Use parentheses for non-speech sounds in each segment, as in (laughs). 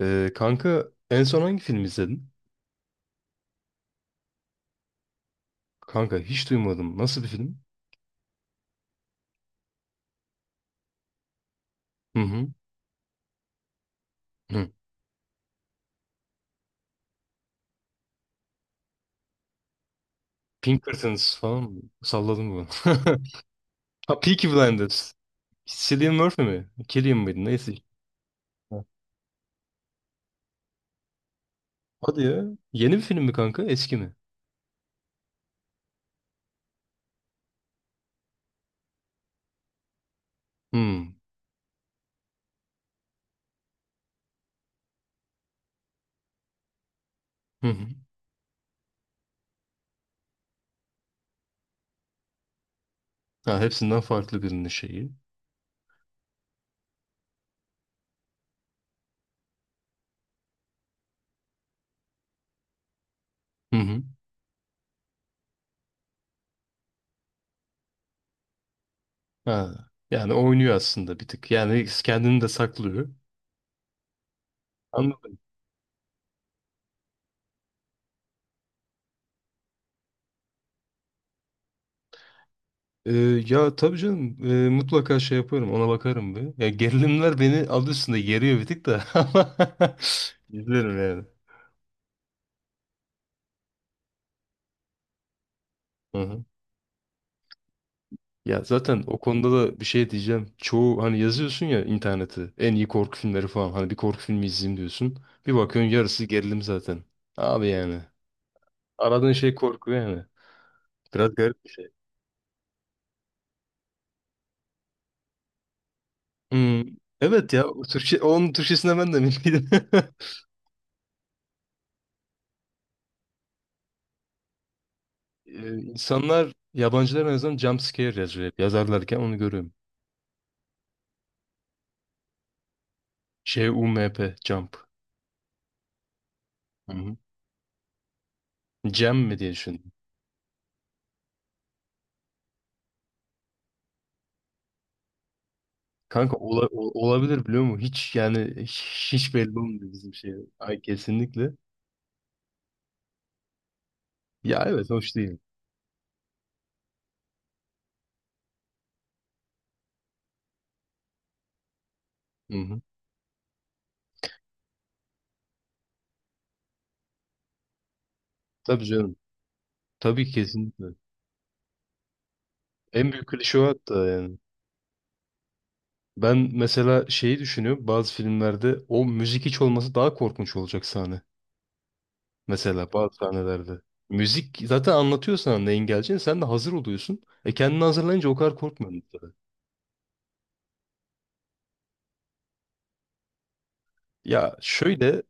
Kanka en son hangi film izledin? Kanka hiç duymadım. Nasıl bir film? Hı hı. Hı. Pink Curtains falan mı? Salladım bunu. (laughs) Ha, Peaky Blinders. Cillian Murphy mi? Cillian mıydı? Neyse. Ha. Hadi ya. Yeni bir film mi kanka? Eski mi? Hmm. Hı hı. Ha, hepsinden farklı birinin şeyi. Hı hı. Ha. Yani oynuyor aslında bir tık. Yani kendini de saklıyor. Anladım. Ee, Ya tabii canım, mutlaka şey yaparım, ona bakarım bir. Ya gerilimler beni adı üstünde geriyor bir tık da, (laughs) ama izlerim yani. Hı-hı. Ya zaten o konuda da bir şey diyeceğim. Çoğu hani yazıyorsun ya internete en iyi korku filmleri falan, hani bir korku filmi izleyeyim diyorsun. Bir bakıyorsun yarısı gerilim zaten. Abi yani aradığın şey korku yani. Biraz garip bir şey. Hmm. Evet ya, o Türkçe, onun Türkçesine ben de bilmiyordum. (laughs) İnsanlar yabancılar en azından jump scare yazıyor hep. Yazarlarken onu görüyorum. C-U-M-P. Jump. Hı hı. Cem mi diye düşündüm. Kanka olabilir biliyor musun? Hiç yani, hiç belli olmuyor bizim şey. Ay kesinlikle. Ya evet, hoş değil. Hı hı. Tabii canım. Tabii kesinlikle. En büyük klişe o hatta yani. Ben mesela şeyi düşünüyorum. Bazı filmlerde o müzik hiç olması daha korkunç olacak sahne. Mesela bazı sahnelerde. Müzik zaten anlatıyor sana neyin geleceğini. Sen de hazır oluyorsun. E kendini hazırlayınca o kadar korkmuyorsun mesela. Ya şöyle,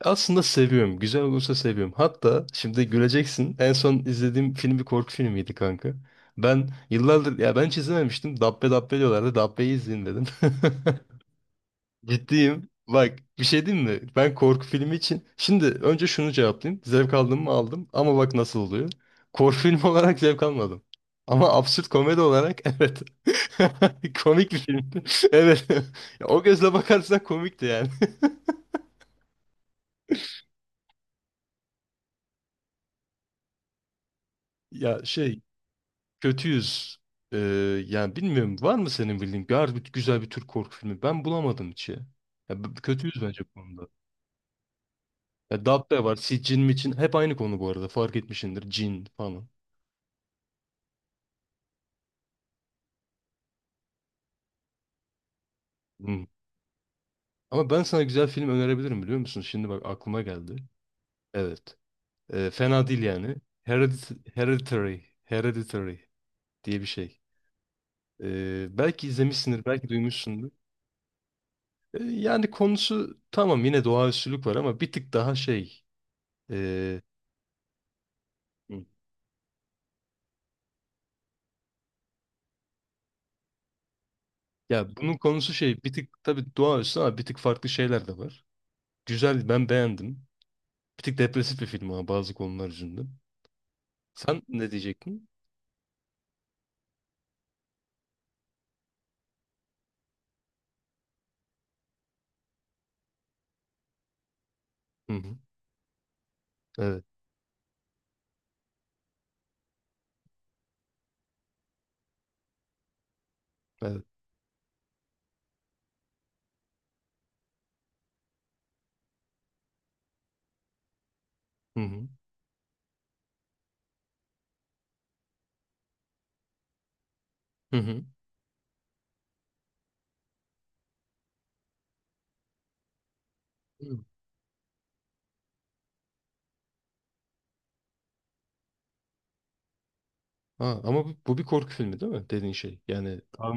aslında seviyorum. Güzel olursa seviyorum. Hatta şimdi güleceksin. En son izlediğim film bir korku filmiydi kanka. Ben yıllardır, ya ben hiç izlememiştim. Dabbe diyorlardı. Dabbe'yi izleyin dedim. (laughs) Ciddiyim. Bak bir şey diyeyim mi? Ben korku filmi için şimdi önce şunu cevaplayayım. Zevk aldım mı aldım, ama bak nasıl oluyor. Korku filmi (laughs) olarak zevk almadım. Ama absürt komedi olarak (laughs) evet. (laughs) Komik bir filmdi. (laughs) Evet. (laughs) Ya, o gözle bakarsan komikti yani. (laughs) Ya şey, kötüyüz. Ee, Yani bilmiyorum, var mı senin bildiğin harbi güzel bir Türk korku filmi? Ben bulamadım hiç ya. Ya kötüyüz bence bu konuda. Ya Dabbe var, Cin mi Cin? Hep aynı konu, bu arada fark etmişsindir. Cin falan. Hmm. Ama ben sana güzel film önerebilirim biliyor musun? Şimdi bak, aklıma geldi. Evet. Fena değil yani. Hereditary. Hereditary diye bir şey. Belki izlemişsindir, belki duymuşsundur. Yani konusu tamam, yine doğaüstülük var ama bir tık daha şey... ee, Ya bunun konusu şey, bir tık tabii doğaüstü ama bir tık farklı şeyler de var. Güzel, ben beğendim. Bir tık depresif bir film ama bazı konular yüzünden. Sen ne diyecektin? Hı hı. Evet. Evet. Hı hı. Hı hı. Hı. Ha, ama bu, bu bir korku filmi değil mi? Dediğin şey. Yani daha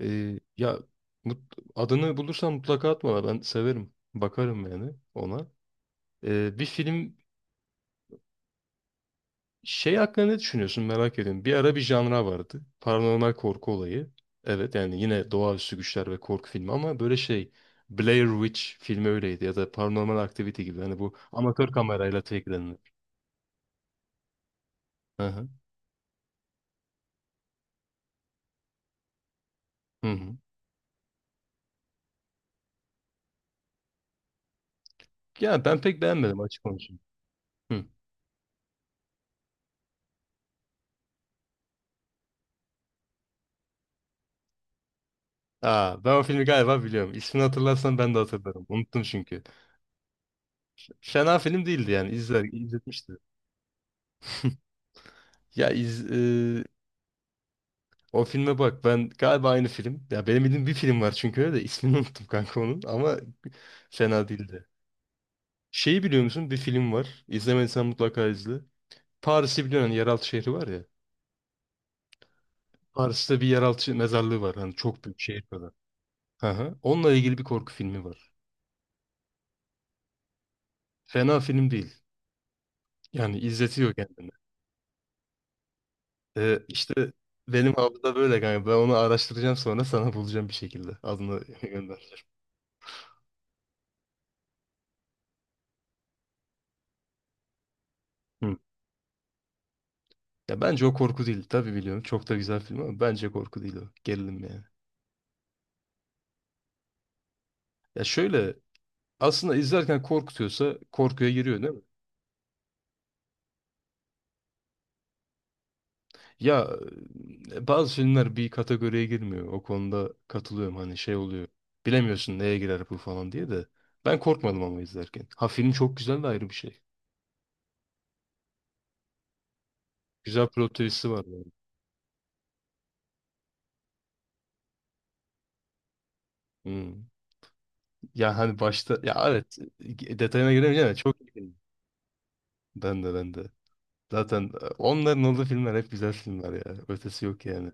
Ya adını bulursan mutlaka atma. Ben severim. Bakarım yani ona. Bir film şey hakkında ne düşünüyorsun, merak ediyorum. Bir ara bir janra vardı. Paranormal korku olayı. Evet yani, yine doğaüstü güçler ve korku filmi, ama böyle şey, Blair Witch filmi öyleydi ya da Paranormal Activity gibi. Hani bu amatör kamerayla çekilenler. Hı hı. Hı hı. Ya ben pek beğenmedim, açık konuşayım. Hı. Aa, ben o filmi galiba biliyorum. İsmini hatırlarsan ben de hatırlarım. Unuttum çünkü. Fena film değildi yani. İzler, izletmişti. Ya iz, e, O filme bak, ben galiba aynı film. Ya benim bildiğim bir film var çünkü öyle, de ismini (laughs) unuttum kanka onun, ama fena değildi. Şeyi biliyor musun? Bir film var. İzlemediysen mutlaka izle. Paris'i biliyorsun, hani yeraltı şehri var ya. Paris'te bir yeraltı mezarlığı var. Hani çok büyük, şehir kadar. Hı hı. Onunla ilgili bir korku filmi var. Fena film değil. Yani izletiyor kendini. İşte benim hafıza böyle kanka. Ben onu araştıracağım, sonra sana bulacağım bir şekilde. Adını (laughs) göndereceğim. Hı. Ya bence o korku değil. Tabii biliyorum. Çok da güzel film, ama bence korku değil o. Gerilim yani. Ya şöyle, aslında izlerken korkutuyorsa korkuya giriyor değil mi? Ya Bazı filmler bir kategoriye girmiyor. O konuda katılıyorum, hani şey oluyor. Bilemiyorsun neye girer bu falan diye de. Ben korkmadım ama izlerken. Ha, film çok güzel de, ayrı bir şey. Güzel plot twist'i var yani. Hmm. Ya hani başta ya evet, detayına giremeyeceğim ama çok iyi film. Ben de, ben de. Zaten onların olduğu filmler hep güzel filmler ya. Ötesi yok yani.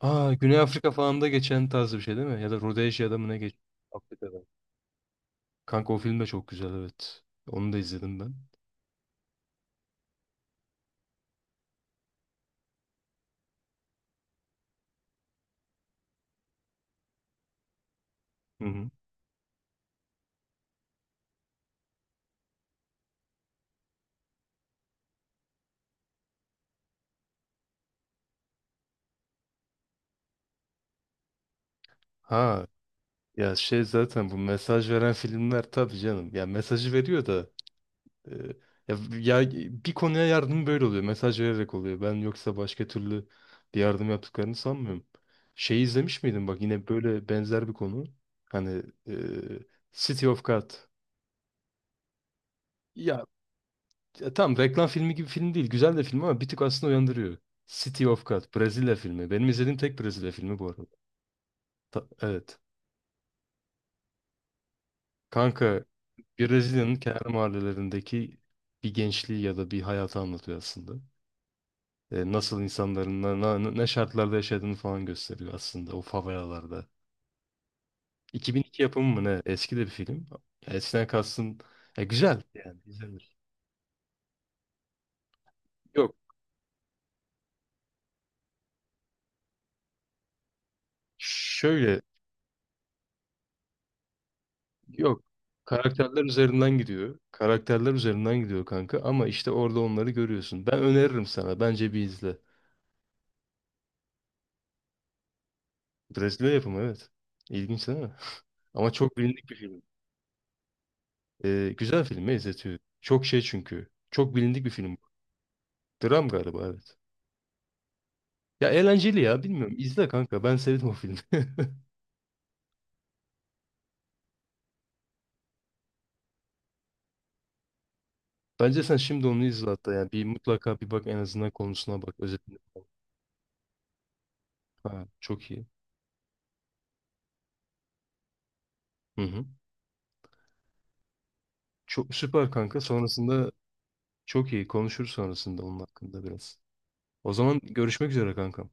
Aa, Güney Afrika falan da geçen tarzı bir şey değil mi? Ya da Rodezya'da mı ne geçiyor? Afrika'da. Kanka o film de çok güzel evet. Onu da izledim ben. Hı hı. Ha ya şey, zaten bu mesaj veren filmler, tabii canım. Ya mesajı veriyor da, e, ya, ya bir konuya yardım böyle oluyor. Mesaj vererek oluyor. Ben yoksa başka türlü bir yardım yaptıklarını sanmıyorum. Şey izlemiş miydin bak, yine böyle benzer bir konu. Hani City of God. Ya, ya tam reklam filmi gibi film değil. Güzel de film ama bir tık aslında uyandırıyor. City of God. Brezilya filmi. Benim izlediğim tek Brezilya filmi bu arada. Evet. Kanka Brezilya'nın kenar mahallelerindeki bir gençliği ya da bir hayatı anlatıyor aslında. E, nasıl insanların ne şartlarda yaşadığını falan gösteriyor aslında o favelalarda. 2002 yapımı mı ne? Eski de bir film. Ya, eskiden kastım, ya, güzel yani, izlenir. Yok, şöyle, yok. Karakterler üzerinden gidiyor. Karakterler üzerinden gidiyor kanka, ama işte orada onları görüyorsun. Ben öneririm sana. Bence bir izle. Brezilya yapımı evet. İlginç değil mi? (laughs) Ama çok bilindik bir film. Güzel filmi, izletiyor. Çok şey çünkü. Çok bilindik bir film. Dram galiba evet. Ya eğlenceli, ya bilmiyorum. İzle kanka, ben sevdim o filmi. (laughs) Bence sen şimdi onu izle hatta, yani bir mutlaka bir bak en azından konusuna, bak özetine. Ha, çok iyi. Hı hı. Çok süper kanka. Sonrasında çok iyi konuşuruz sonrasında onun hakkında biraz. O zaman görüşmek üzere kankam.